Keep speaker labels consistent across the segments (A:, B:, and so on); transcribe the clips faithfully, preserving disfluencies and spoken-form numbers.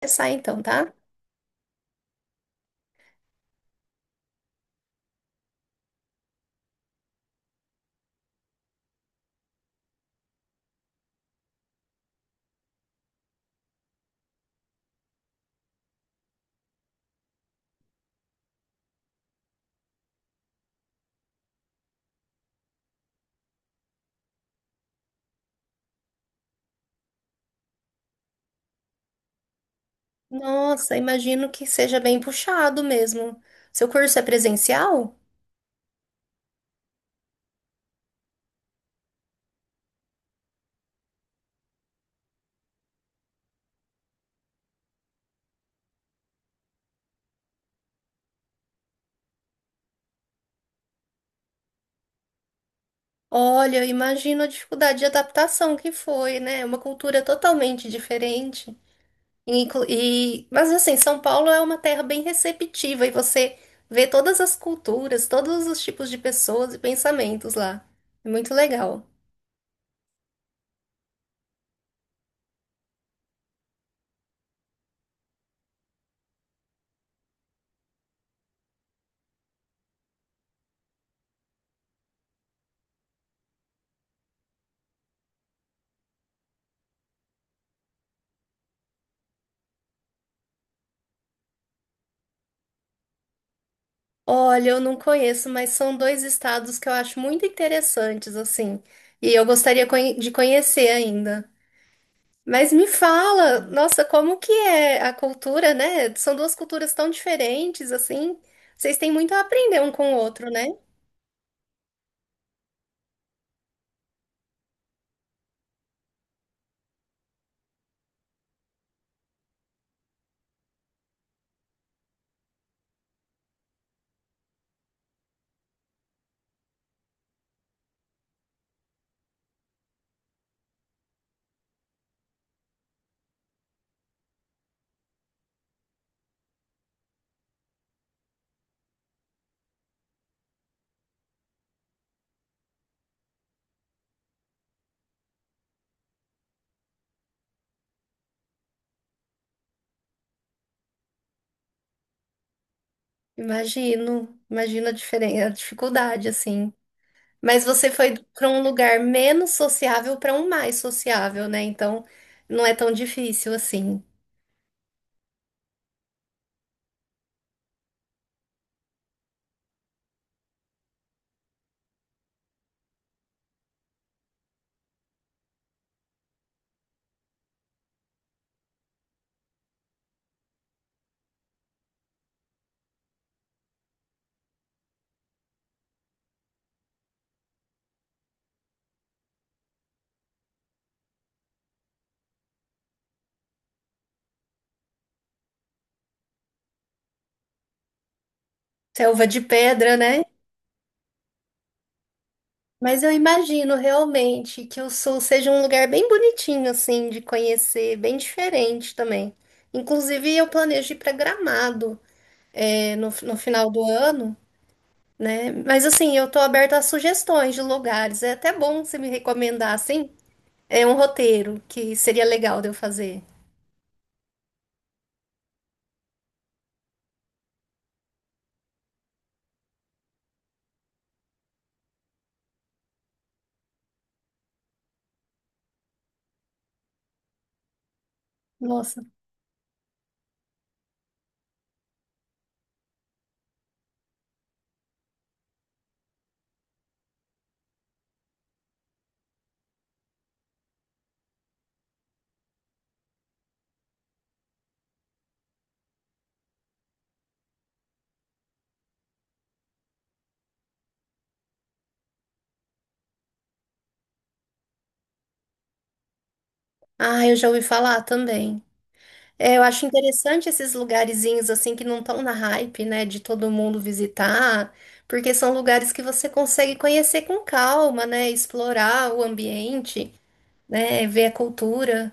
A: Começar então, tá? Nossa, imagino que seja bem puxado mesmo. Seu curso é presencial? Olha, eu imagino a dificuldade de adaptação que foi, né? Uma cultura totalmente diferente. E, inclu- e- mas assim, São Paulo é uma terra bem receptiva e você vê todas as culturas, todos os tipos de pessoas e pensamentos lá. É muito legal. Olha, eu não conheço, mas são dois estados que eu acho muito interessantes, assim, e eu gostaria conhe- de conhecer ainda. Mas me fala, nossa, como que é a cultura, né? São duas culturas tão diferentes, assim. Vocês têm muito a aprender um com o outro, né? Imagino, imagino a diferen- a dificuldade, assim. Mas você foi para um lugar menos sociável para um mais sociável, né? Então, não é tão difícil assim. Selva de pedra, né? Mas eu imagino realmente que o Sul seja um lugar bem bonitinho, assim, de conhecer, bem diferente também. Inclusive, eu planejo ir para Gramado. É, no, no final do ano, né? Mas assim, eu tô aberta a sugestões de lugares. É até bom você me recomendar, assim, é um roteiro que seria legal de eu fazer. Nossa. Ah, eu já ouvi falar também. É, eu acho interessante esses lugarzinhos assim que não estão na hype, né, de todo mundo visitar, porque são lugares que você consegue conhecer com calma, né, explorar o ambiente, né, ver a cultura.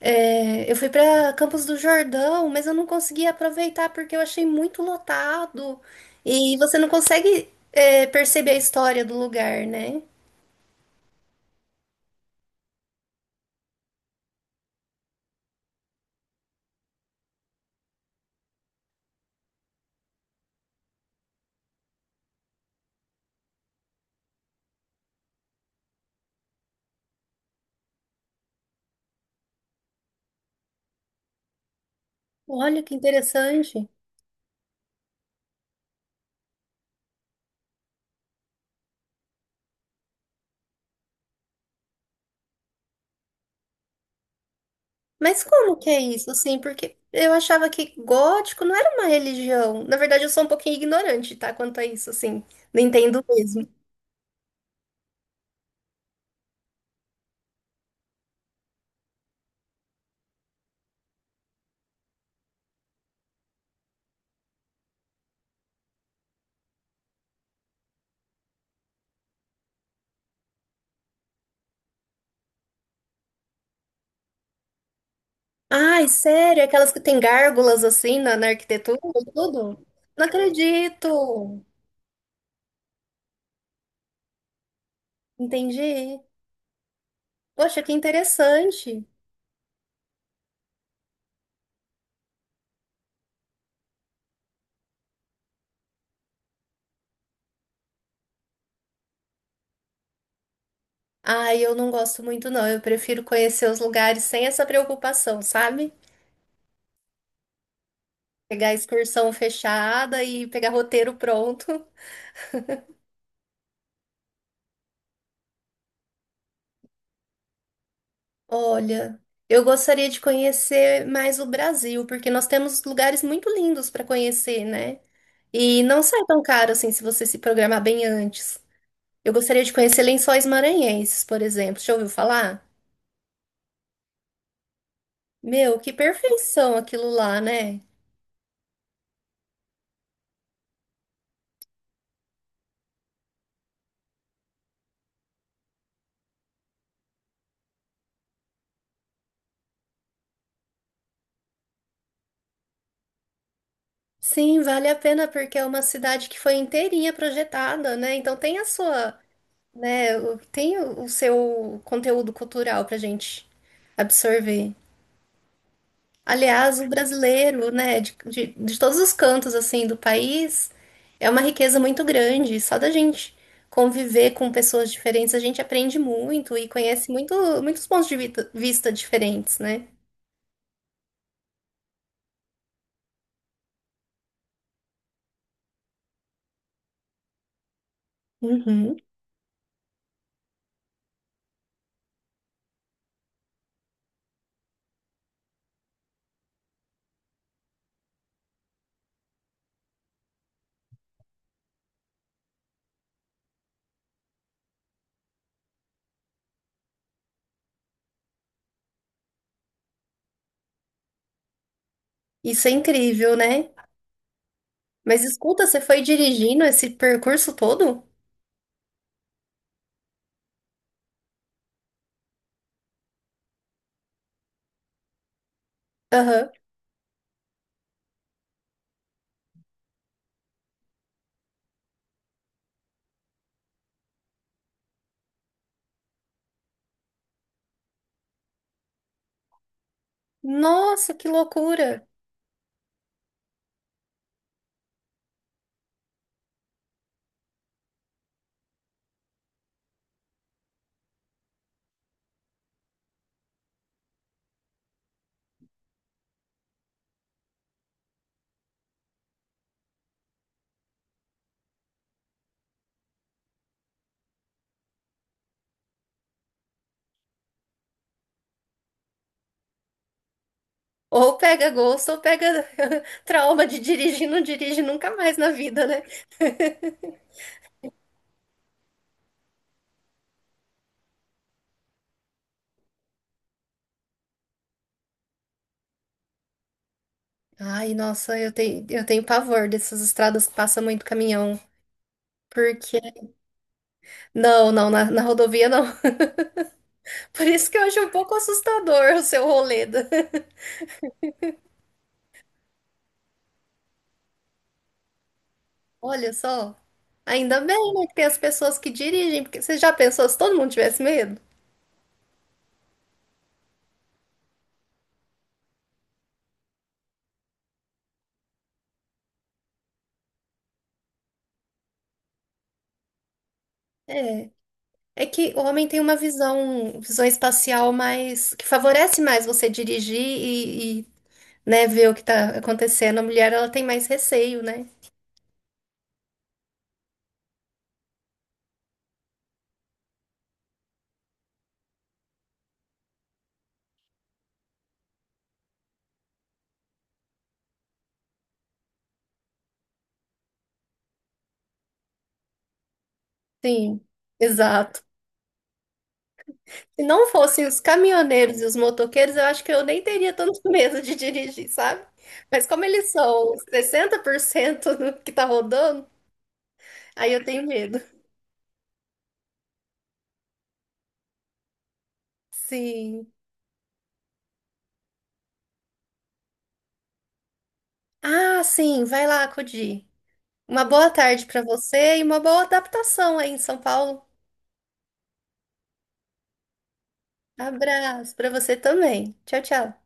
A: É, eu fui para Campos do Jordão, mas eu não consegui aproveitar porque eu achei muito lotado e você não consegue, é, perceber a história do lugar, né? Olha que interessante. Mas como que é isso, assim? Porque eu achava que gótico não era uma religião. Na verdade, eu sou um pouquinho ignorante, tá? Quanto a isso, assim. Não entendo mesmo. Ai, sério? Aquelas que tem gárgulas, assim, na, na arquitetura e tudo? Não acredito. Entendi. Poxa, que interessante. Ah, eu não gosto muito, não. Eu prefiro conhecer os lugares sem essa preocupação, sabe? Pegar a excursão fechada e pegar roteiro pronto. Olha, eu gostaria de conhecer mais o Brasil, porque nós temos lugares muito lindos para conhecer, né? E não sai tão caro assim se você se programar bem antes. Eu gostaria de conhecer Lençóis Maranhenses, por exemplo. Já ouviu falar? Meu, que perfeição aquilo lá, né? Sim, vale a pena porque é uma cidade que foi inteirinha projetada, né? Então tem a sua né? Tem o seu conteúdo cultural pra gente absorver. Aliás, o brasileiro, né, de, de, de todos os cantos, assim, do país, é uma riqueza muito grande. Só da gente conviver com pessoas diferentes, a gente aprende muito e conhece muito, muitos pontos de vita- vista diferentes, né? Uhum. Isso é incrível, né? Mas escuta, você foi dirigindo esse percurso todo? Aham. Nossa, que loucura! Ou pega gosto, ou pega trauma de dirigir, não dirige nunca mais na vida, né? Ai, nossa, eu tenho, eu tenho pavor dessas estradas que passa muito caminhão. Porque. Não, não, na, na rodovia não. Por isso que eu acho um pouco assustador o seu rolê. Da- Olha só. Ainda bem, né, que tem as pessoas que dirigem, porque você já pensou se todo mundo tivesse medo? É. É que o homem tem uma visão, visão espacial mais, que favorece mais você dirigir e, e né, ver o que tá acontecendo, a mulher ela tem mais receio, né? Sim, exato. Se não fossem os caminhoneiros e os motoqueiros, eu acho que eu nem teria tanto medo de dirigir, sabe? Mas como eles são sessenta por cento do que tá rodando, aí eu tenho medo. Sim. Ah, sim, vai lá, Cudi. Uma boa tarde para você e uma boa adaptação aí em São Paulo. Abraço para você também. Tchau, tchau.